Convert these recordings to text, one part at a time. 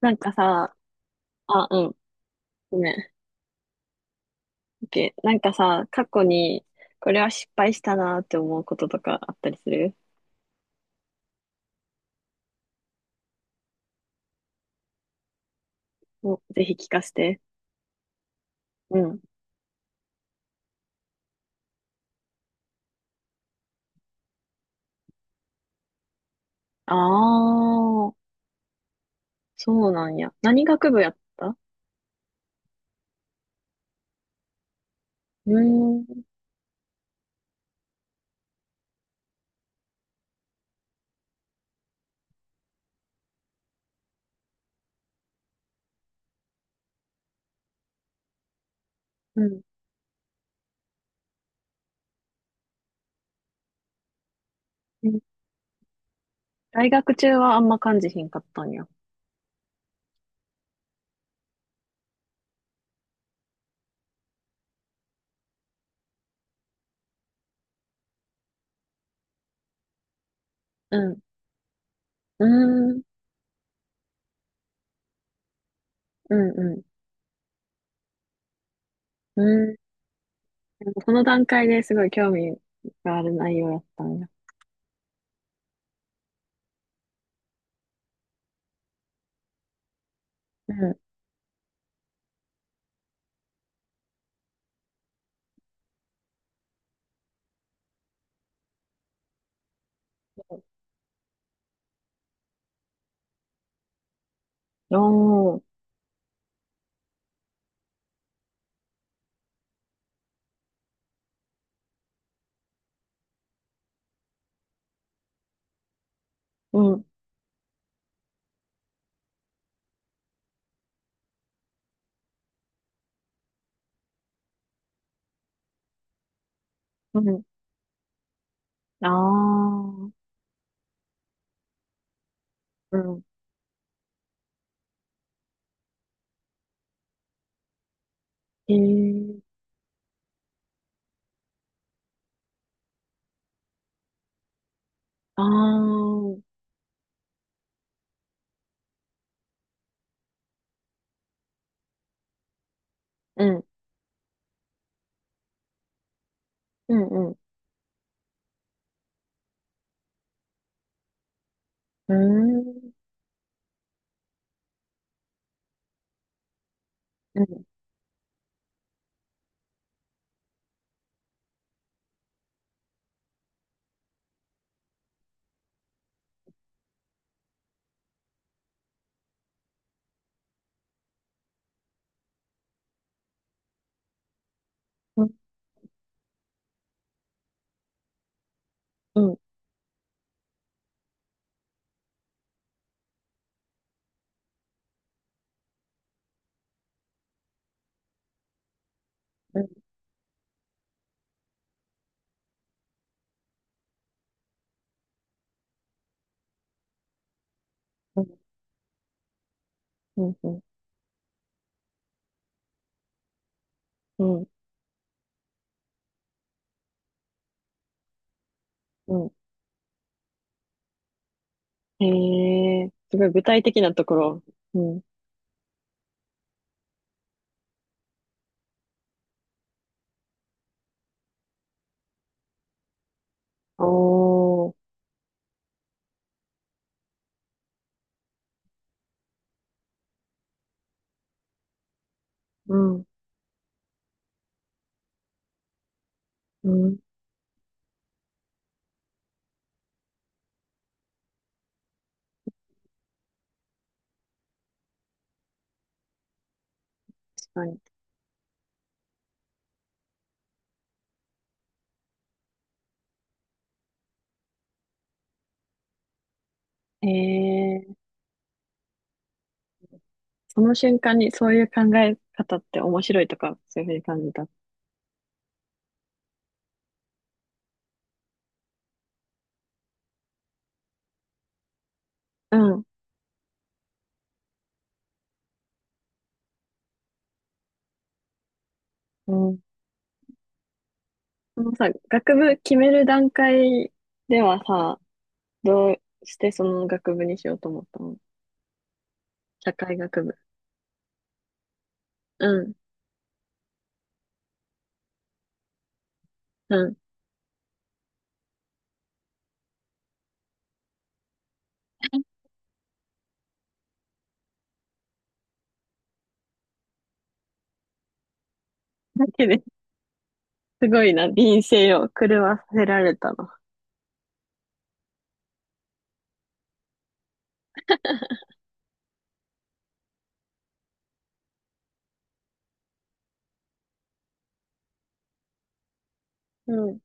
なんかさ、あ、うん、ごめん。OK。なんかさ、過去に、これは失敗したなって思うこととかあったりする？お、ぜひ聞かせて。うん。ああ、そうなんや。何学部やった？うーん、うん。うん。大学中はあんま感じひんかったんや？うん。うーん、うん、うん。うーん。でもこの段階ですごい興味がある内容やったんや？うん。おー、うん、うん。ああ、うん。へえ。ああ、うん、うん、うん、うん、うーん、うん、うん、うん、うん、うん、うん、うん、うん。へえ、すごい具体的なところ。うん。おー、うん、うん、確かに。へえ、その瞬間にそういう考え方って面白いとか、そういうふうに感じた？うん、うん。そのさ、学部決める段階ではさ、どうしてその学部にしようと思ったの？社会学部。うん、うん。だけどすごいな、人生を狂わせられたな。うん、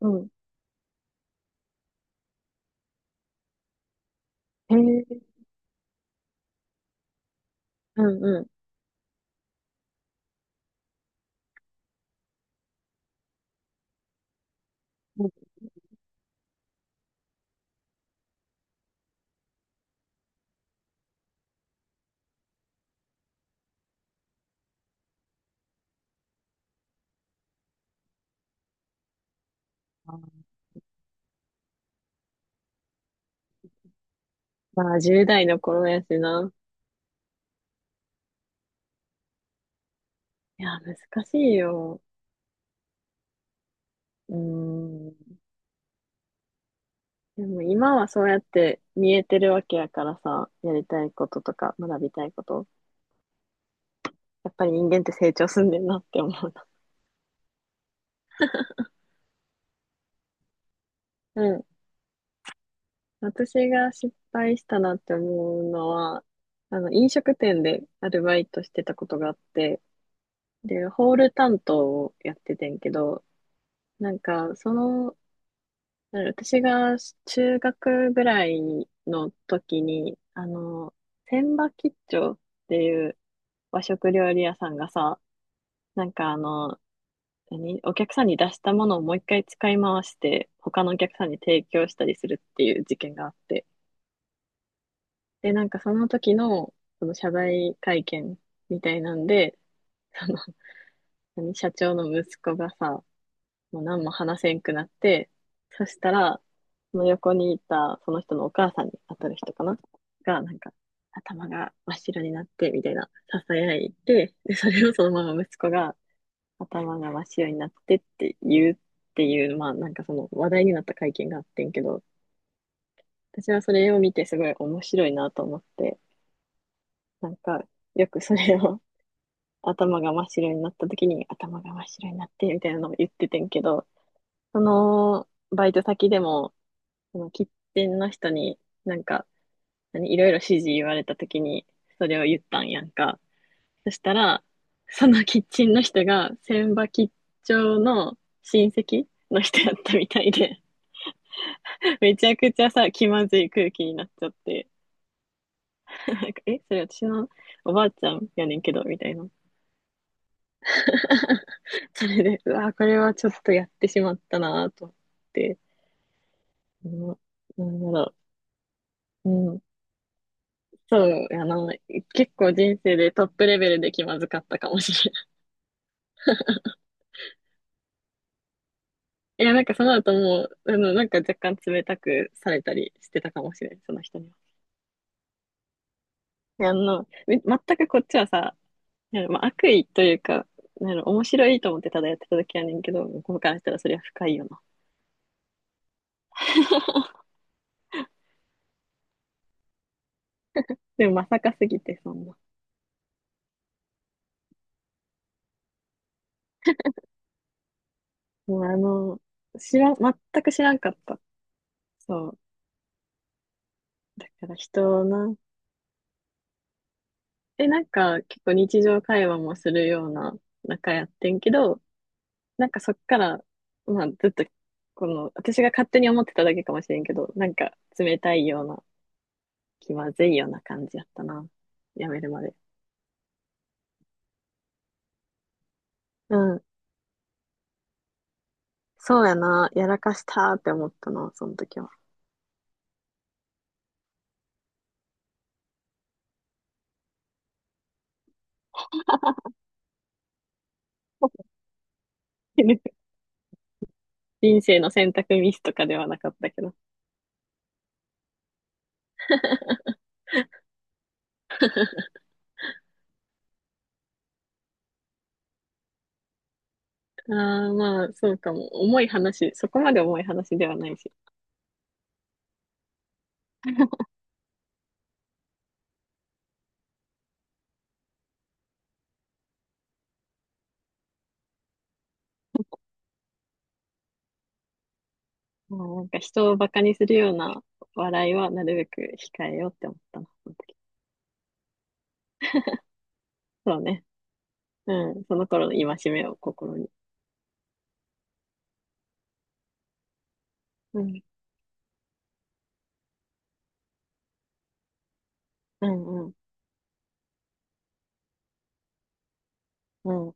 うん。へえ、うん、うん。うん。あーまあ、10代の頃やしな。いや、難しいよ。うーん。でも今はそうやって見えてるわけやからさ、やりたいこととか学びたいこと。やっぱり人間って成長すんねんなって思うな。うん。私が失敗したなって思うのは、飲食店でアルバイトしてたことがあって、で、ホール担当をやっててんけど、なんか、私が中学ぐらいの時に、千葉吉兆っていう和食料理屋さんがさ、なんかお客さんに出したものをもう一回使い回して、他のお客さんに提供したりするっていう事件があって。で、なんかその時の、その謝罪会見みたいなんで、その、社長の息子がさ、もう何も話せんくなって、そしたら、その横にいたその人のお母さんに当たる人かなが、なんか、頭が真っ白になって、みたいな、囁いて、で、それをそのまま息子が、頭が真っ白になってって言うっていう、まあ、なんかその話題になった会見があってんけど、私はそれを見てすごい面白いなと思って、なんか、よくそれを頭が真っ白になった時に、頭が真っ白になって、みたいなのを言っててんけど、バイト先でも、その喫ンの人に、なんか、いろいろ指示言われた時に、それを言ったんやんか。そしたら、そのキッチンの人が、千葉吉兆の親戚の人やったみたいで、めちゃくちゃさ、気まずい空気になっちゃって、なんか、え、それ私のおばあちゃんやねんけど、みたいな。それで、うわ、これはちょっとやってしまったなぁと思って、うん。なんだろうん、そう、結構人生でトップレベルで気まずかったかもしれない。いや、なんかその後もう、なんか若干冷たくされたりしてたかもしれない、その人には。いや全くこっちはさ、いやまあ、悪意というか、面白いと思ってただやってた時やねんけど、向こうからしたらそれは深いよな。でもまさかすぎて、そんな。もう知らん、全く知らんかった。そう。だから人な、え、なんか結構日常会話もするような仲やってんけど、なんかそっから、まあずっと、私が勝手に思ってただけかもしれんけど、なんか冷たいような、気まずいような感じやったな。やめるまで。うん。そうやな。やらかしたーって思ったな、その時は。人生の選択ミスとかではなかったけど。ああ、まあ、そうかも。重い話、そこまで重い話ではないし。まあ、なんか人をバカにするような笑いはなるべく控えようって思ったな、その時。そうね。うん。その頃の戒めを心に。うん。うんうんうん。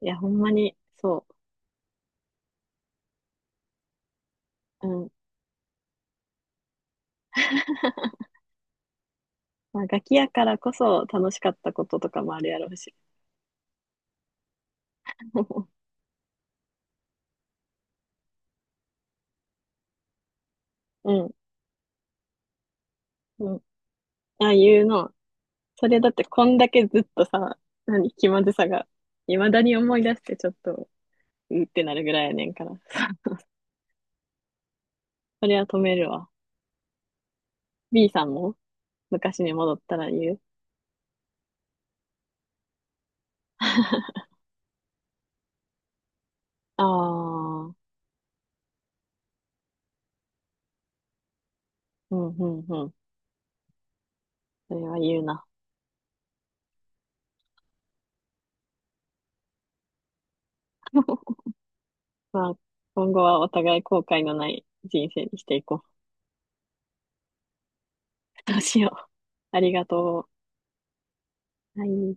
いや、ほんまに、そう。うん。まあ、ガキやからこそ楽しかったこととかもあるやろうし。うん、うん。ああいうの。それだってこんだけずっとさ、気まずさが、未だに思い出してちょっと、うってなるぐらいやねんから。それは止めるわ。B さんも昔に戻ったら言う？ああー、うんうんうん。それは言うな。まあ、今後はお互い後悔のない人生にしていこう。どうしよう。ありがとう。はい。